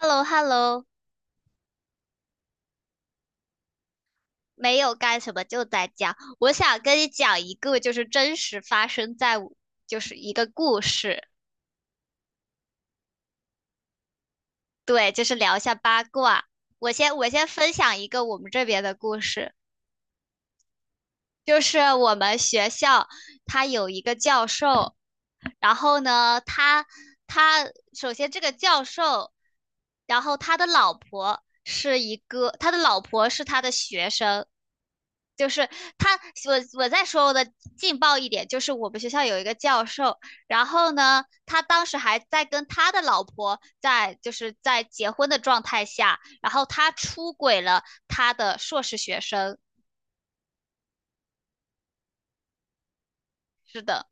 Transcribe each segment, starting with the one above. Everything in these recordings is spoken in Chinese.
hello hello。 没有干什么就在家。我想跟你讲一个，就是真实发生在我，就是一个故事。对，就是聊一下八卦。我先分享一个我们这边的故事。就是我们学校他有一个教授，然后呢，他首先这个教授，然后他的老婆是一个，他的老婆是他的学生，就是他，我再说我的劲爆一点。就是我们学校有一个教授，然后呢，他当时还在跟他的老婆，在就是在结婚的状态下，然后他出轨了他的硕士学生。是的。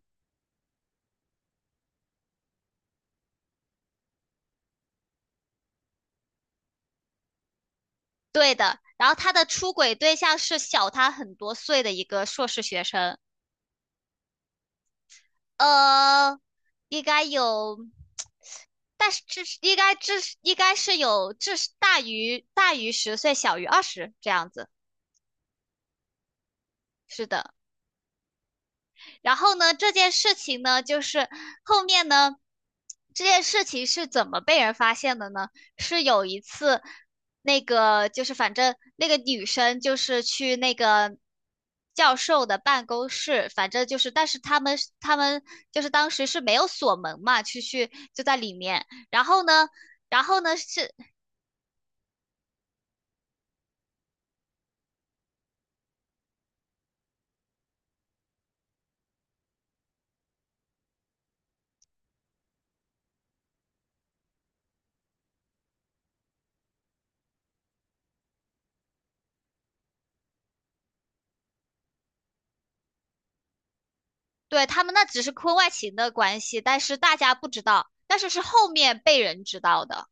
对的。然后他的出轨对象是小他很多岁的一个硕士学生。呃，应该有。但是至应该是有大于10岁，小于20这样子。是的，然后呢，这件事情呢，就是后面呢，这件事情是怎么被人发现的呢？是有一次，那个就是反正那个女生就是去那个教授的办公室，反正就是，但是他们就是当时是没有锁门嘛，去就在里面，然后呢是。对，他们那只是婚外情的关系，但是大家不知道，但是是后面被人知道的。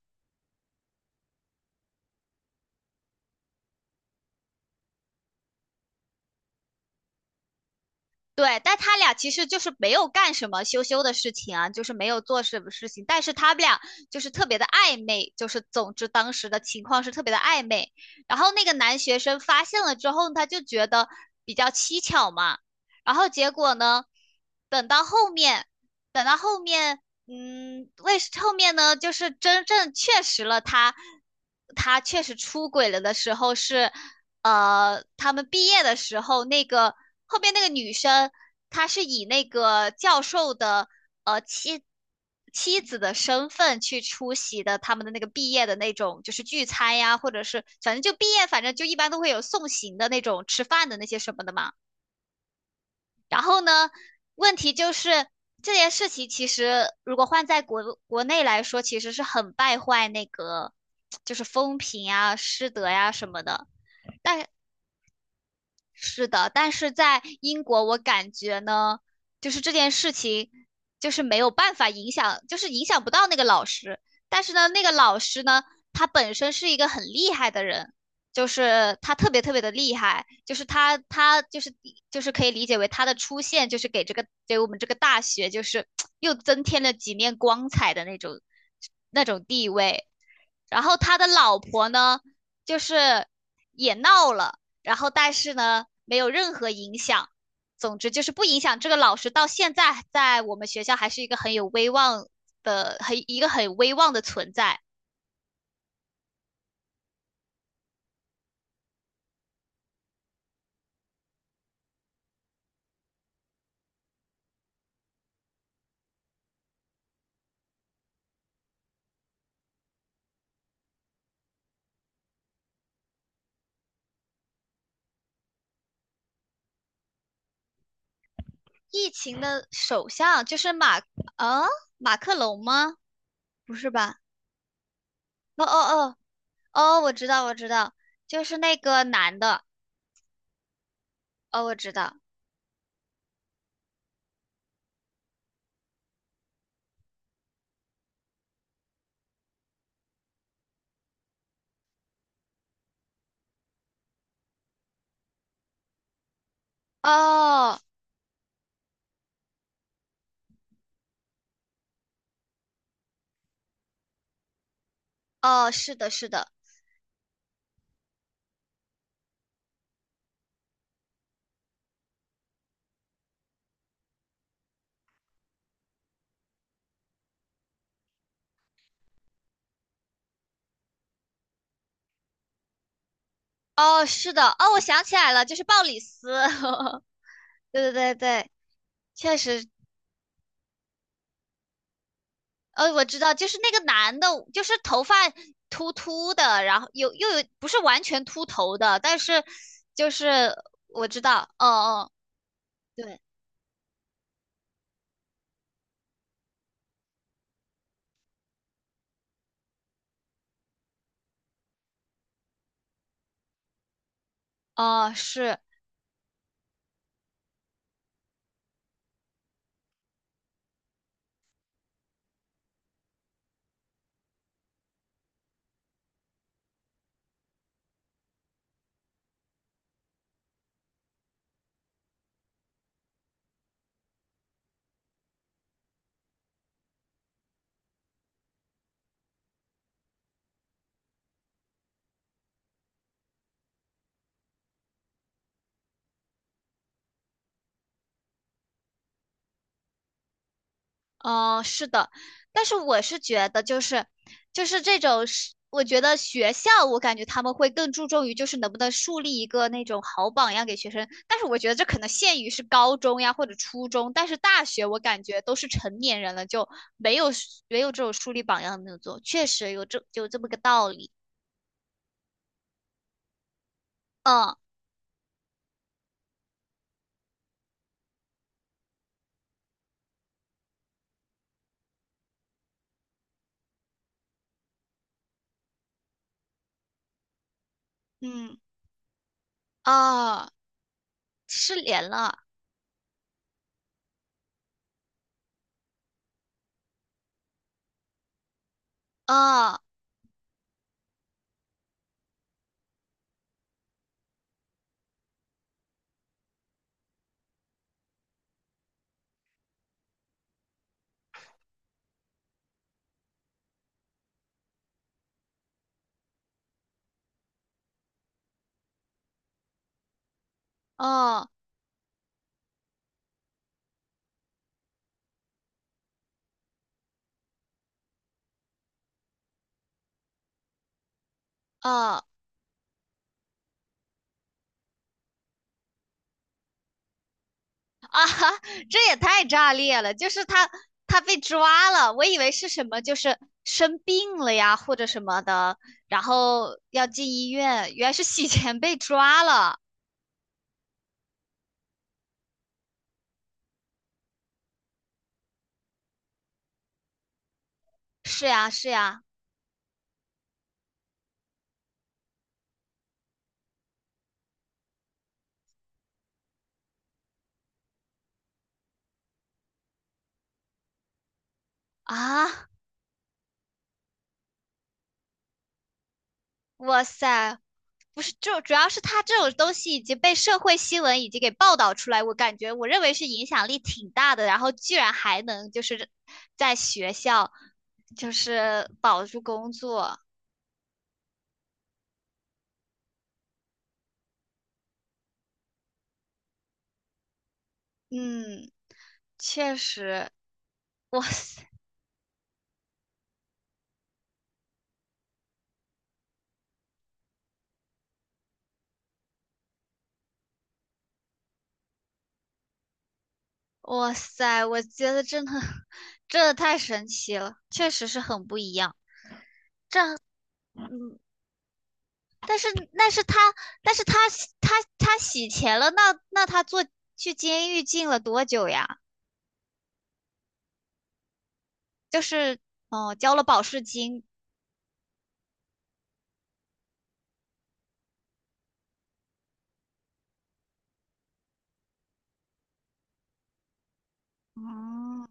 对，但他俩其实就是没有干什么羞羞的事情啊，就是没有做什么事情，但是他们俩就是特别的暧昧，就是总之当时的情况是特别的暧昧。然后那个男学生发现了之后，他就觉得比较蹊跷嘛。然后结果呢，等到后面等到后面，为后面呢，就是真正确实了他，他确实出轨了的时候是，他们毕业的时候，那个后面那个女生，她是以那个教授的呃妻妻子的身份去出席的他们的那个毕业的那种就是聚餐呀，或者是反正就毕业，反正就一般都会有送行的那种吃饭的那些什么的嘛。然后呢，问题就是这件事情其实如果换在国内来说，其实是很败坏那个就是风评啊、师德呀、什么的。但是的,但是在英国，我感觉呢，就是这件事情，就是没有办法影响，就是影响不到那个老师。但是呢，那个老师呢，他本身是一个很厉害的人，就是他特别特别的厉害，就是他就是可以理解为他的出现，就是给我们这个大学，就是 又增添了几面光彩的那种地位。然后他的老婆呢，就是也闹了，然后但是呢，没有任何影响。总之就是不影响这个老师，到现在在我们学校还是一个很有威望的，一个很威望的存在。疫情的首相就是呃，啊马克龙吗？不是吧？哦哦哦哦，我知道我知道，就是那个男的。哦，我知道。哦哦，是的，是的。哦，是的。哦，我想起来了，就是鲍里斯。对对对对，确实。我知道，就是那个男的，就是头发秃秃的，然后又有不是完全秃头的，但是就是我知道。哦哦，对。哦是。哦，是的。但是我是觉得，就是这种是，我觉得学校，我感觉他们会更注重于就是能不能树立一个那种好榜样给学生，但是我觉得这可能限于是高中呀或者初中，但是大学我感觉都是成年人了，就没有没有这种树立榜样的那种作用，确实有这么个道理。嗯嗯啊，失联了啊啊啊！哦 啊哈，这也太炸裂了！就是他被抓了，我以为是什么，就是生病了呀，或者什么的，然后要进医院，原来是洗钱被抓了。是呀，是呀，啊，哇塞，不是，就主要是他这种东西已经被社会新闻已经给报道出来，我感觉我认为是影响力挺大的，然后居然还能就是在学校就是保住工作。嗯。确实，哇塞，哇塞，我觉得真的 真的太神奇了，确实是很不一样。但是，但是他，但是他洗钱了，那他去监狱进了多久呀？就是，哦，交了保释金。哦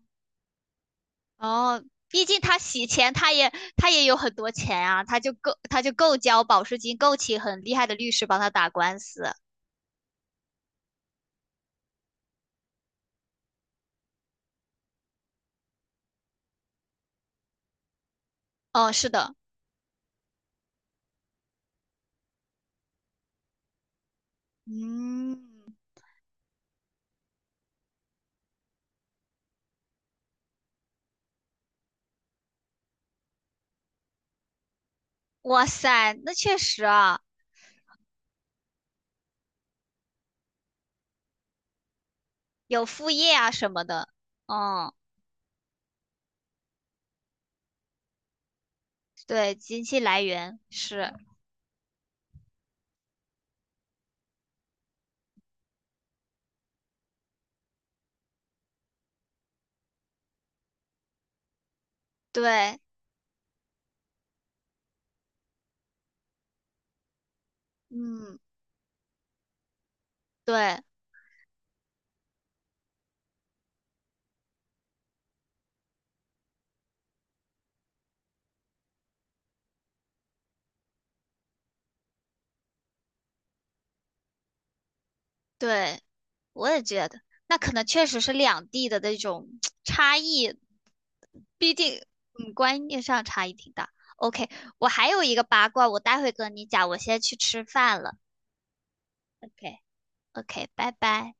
哦，毕竟他洗钱，他也有很多钱啊，他就够交保释金，够请很厉害的律师帮他打官司。哦，是的，嗯，哇塞，那确实啊。有副业啊什么的。嗯，对，经济来源是，对，嗯，对对，我也觉得，那可能确实是两地的那种 差异。毕竟，嗯，观念上差异挺大。OK,我还有一个八卦，我待会跟你讲，我先去吃饭了。OK，OK，拜拜。